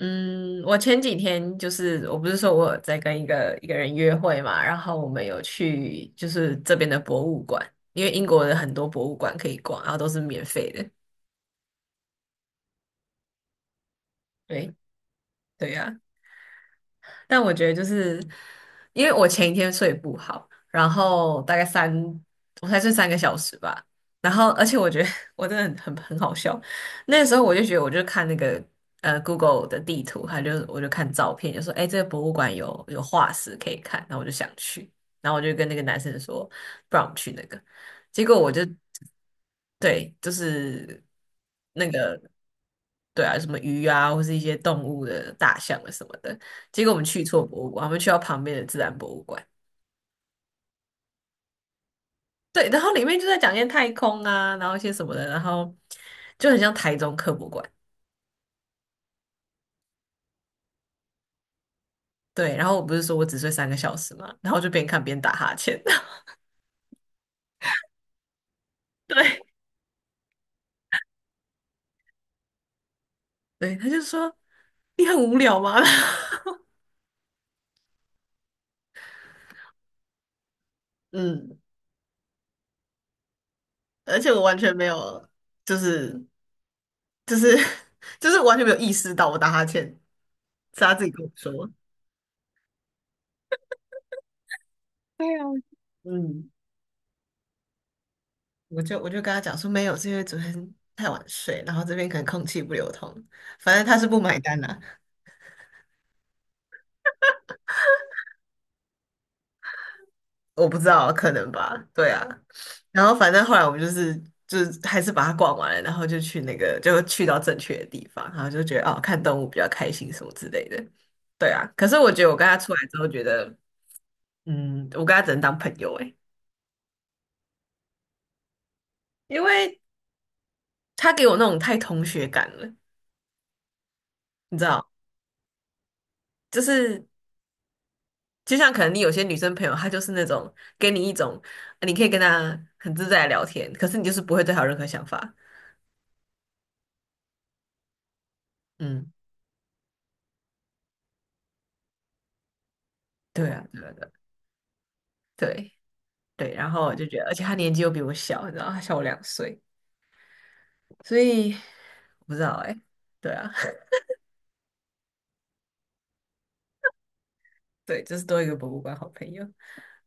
嗯，我前几天就是我不是说我有在跟一个人约会嘛，然后我们有去就是这边的博物馆，因为英国的很多博物馆可以逛，然后都是免费的。对，对呀、但我觉得就是因为我前一天睡不好，然后大概三，我才睡三个小时吧。然后，而且我觉得 我真的很好笑。那时候我就觉得，我就看那个Google 的地图，我就看照片，就说哎，诶这个博物馆有化石可以看，然后我就想去，然后我就跟那个男生说，不然我们去那个。结果我就对，那个对啊，什么鱼啊，或是一些动物的大象啊什么的。结果我们去错博物馆，我们去到旁边的自然博物馆。对，然后里面就在讲一些太空啊，然后一些什么的，然后就很像台中科博馆。对，然后我不是说我只睡三个小时嘛，然后我就边看边打哈欠。对，对，他就说你很无聊吗？嗯，而且我完全没有，就是就是 就是完全没有意识到我打哈欠，是他自己跟我说。嗯。我就跟他讲说没有，是因为昨天太晚睡，然后这边可能空气不流通，反正他是不买单的。我不知道，可能吧，对啊。然后反正后来我们还是把它逛完了，然后就去到正确的地方，然后就觉得哦，看动物比较开心什么之类的，对啊。可是我觉得我跟他出来之后，觉得嗯，我跟他只能当朋友诶，因为他给我那种太同学感了，你知道，就是就像可能你有些女生朋友，她就是那种给你一种，你可以跟她很自在地聊天，可是你就是不会对她有任何想法。嗯，对啊，对啊，对啊对对。然后我就觉得，而且她年纪又比我小，你知道，她小我2岁，所以我不知道哎、对啊，对，就是多一个博物馆好朋友。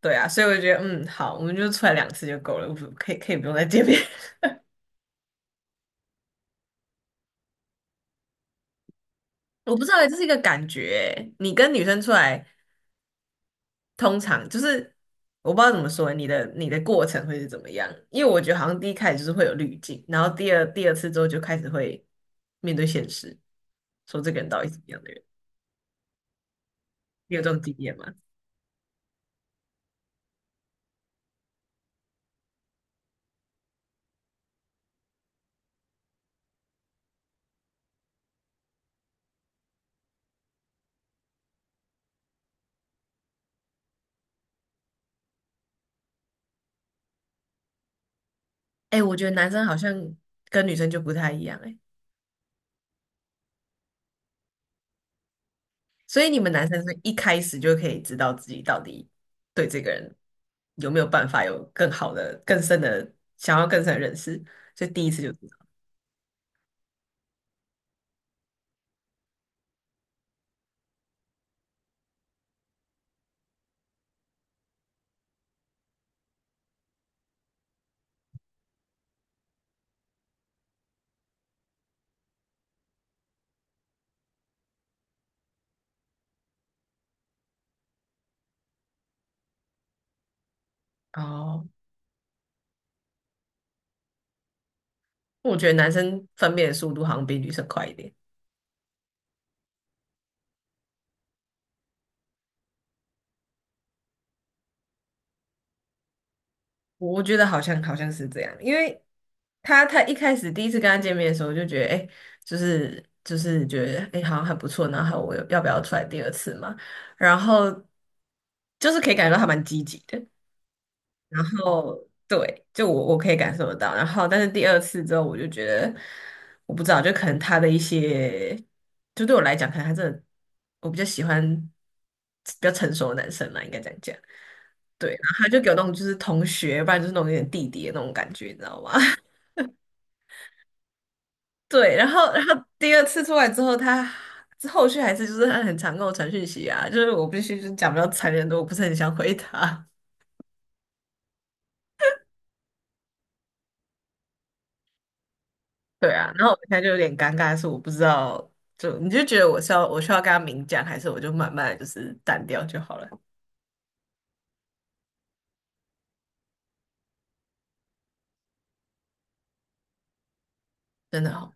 对啊，所以我就觉得，嗯，好，我们就出来2次就够了，我不可以可以不用再见面。我不知道欸，这是一个感觉欸，你跟女生出来。通常就是我不知道怎么说，你的过程会是怎么样？因为我觉得好像第一开始就是会有滤镜，然后第二次之后就开始会面对现实，说这个人到底是怎么样的人？你有这种经验吗？哎、我觉得男生好像跟女生就不太一样哎、所以你们男生是一开始就可以知道自己到底对这个人有没有办法有更好的、更深的想要更深的认识，所以第一次就知道。哦，我觉得男生分辨的速度好像比女生快一点。我觉得好像是这样，因为他一开始第一次跟他见面的时候，我就觉得哎、诶觉得哎、诶好像很不错，然后我要不要出来第二次嘛？然后就是可以感觉到他蛮积极的，然后对，就我可以感受得到，然后但是第二次之后，我就觉得我不知道，就可能他的一些，就对我来讲，可能他真的我比较喜欢比较成熟的男生嘛，应该这样讲。对，然后他就给我那种就是同学，不然就是那种有点弟弟的那种感觉，你知道吗？对，然后第二次出来之后，他后续还是就是他很常跟我传讯息啊，就是我必须就是讲比较残忍的，我不是很想回他。对啊，然后我现在就有点尴尬，是我不知道，就你就觉得我是要我需要跟他明讲，还是我就慢慢的就是淡掉就好了？真的好，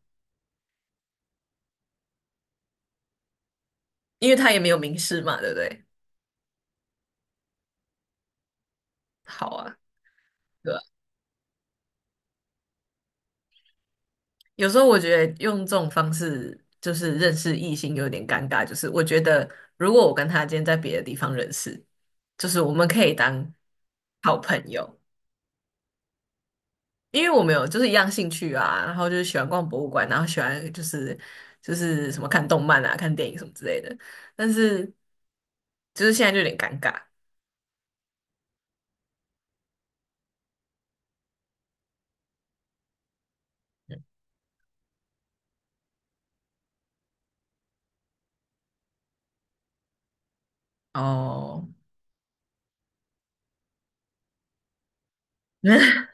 因为他也没有明示嘛，对不对？好啊，对吧？有时候我觉得用这种方式就是认识异性有点尴尬，就是我觉得如果我跟他今天在别的地方认识，就是我们可以当好朋友，因为我们有就是一样兴趣啊，然后就是喜欢逛博物馆，然后喜欢就是就是什么看动漫啊、看电影什么之类的，但是就是现在就有点尴尬哦，那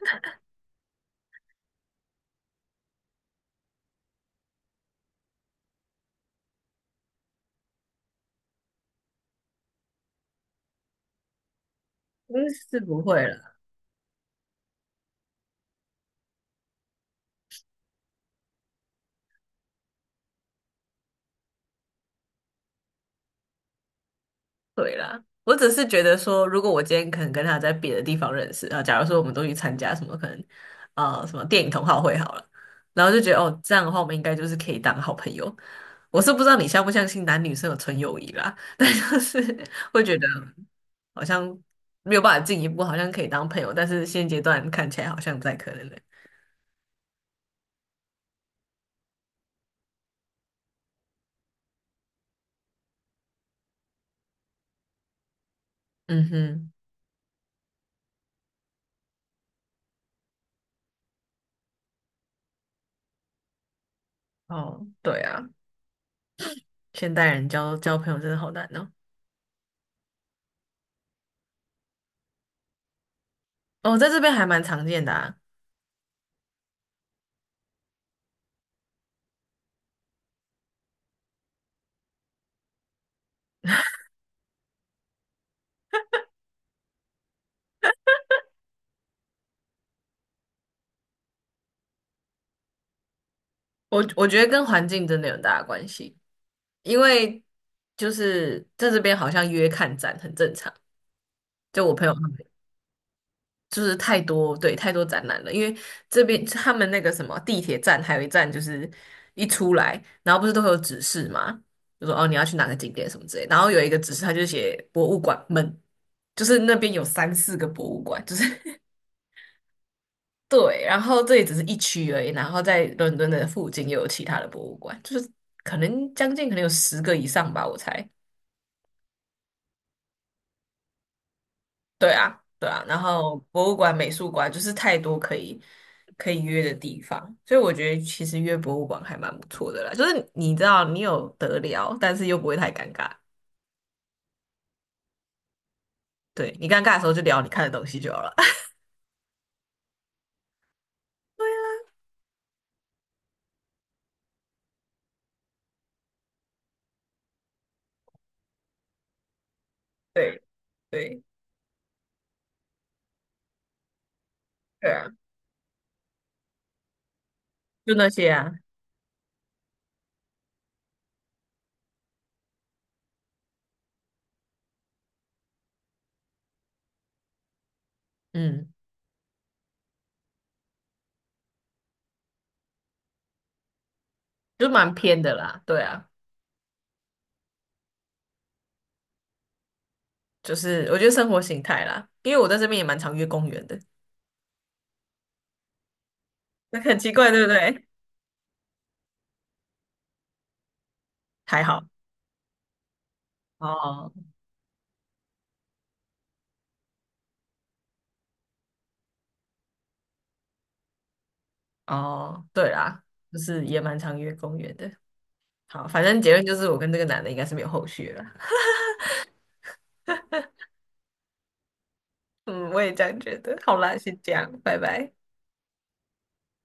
那是不会了。对啦，我只是觉得说，如果我今天可能跟他在别的地方认识，啊，假如说我们都去参加什么可能，啊什么电影同好会好了，然后就觉得哦，这样的话我们应该就是可以当好朋友。我是不知道你相不相信男女生有纯友谊啦，但就是 会觉得好像没有办法进一步，好像可以当朋友，但是现阶段看起来好像不太可能的嗯哼，哦，对啊，现代人交朋友真的好难哦。哦，在这边还蛮常见的啊。我觉得跟环境真的有很大的关系，因为就是在这边好像约看展很正常。就我朋友他们就是太多，对，太多展览了，因为这边他们那个什么地铁站还有一站就是一出来，然后不是都会有指示嘛，就说哦你要去哪个景点什么之类，然后有一个指示他就写博物馆们，就是那边有3、4个博物馆，就是 对，然后这也只是一区而已，然后在伦敦的附近又有其他的博物馆，就是可能将近可能有10个以上吧，我猜。对啊，对啊，然后博物馆、美术馆就是太多可以可以约的地方，所以我觉得其实约博物馆还蛮不错的啦，就是你知道你有得聊，但是又不会太尴尬。对，你尴尬的时候就聊你看的东西就好了。对对对啊，就那些啊，嗯，就蛮偏的啦，对啊。就是我觉得生活形态啦，因为我在这边也蛮常约公园的，那很奇怪，对不对？还好，哦哦，对啦，就是也蛮常约公园的。好，反正结论就是我跟这个男的应该是没有后续了。嗯，我也这样觉得。好啦，先这样，拜拜。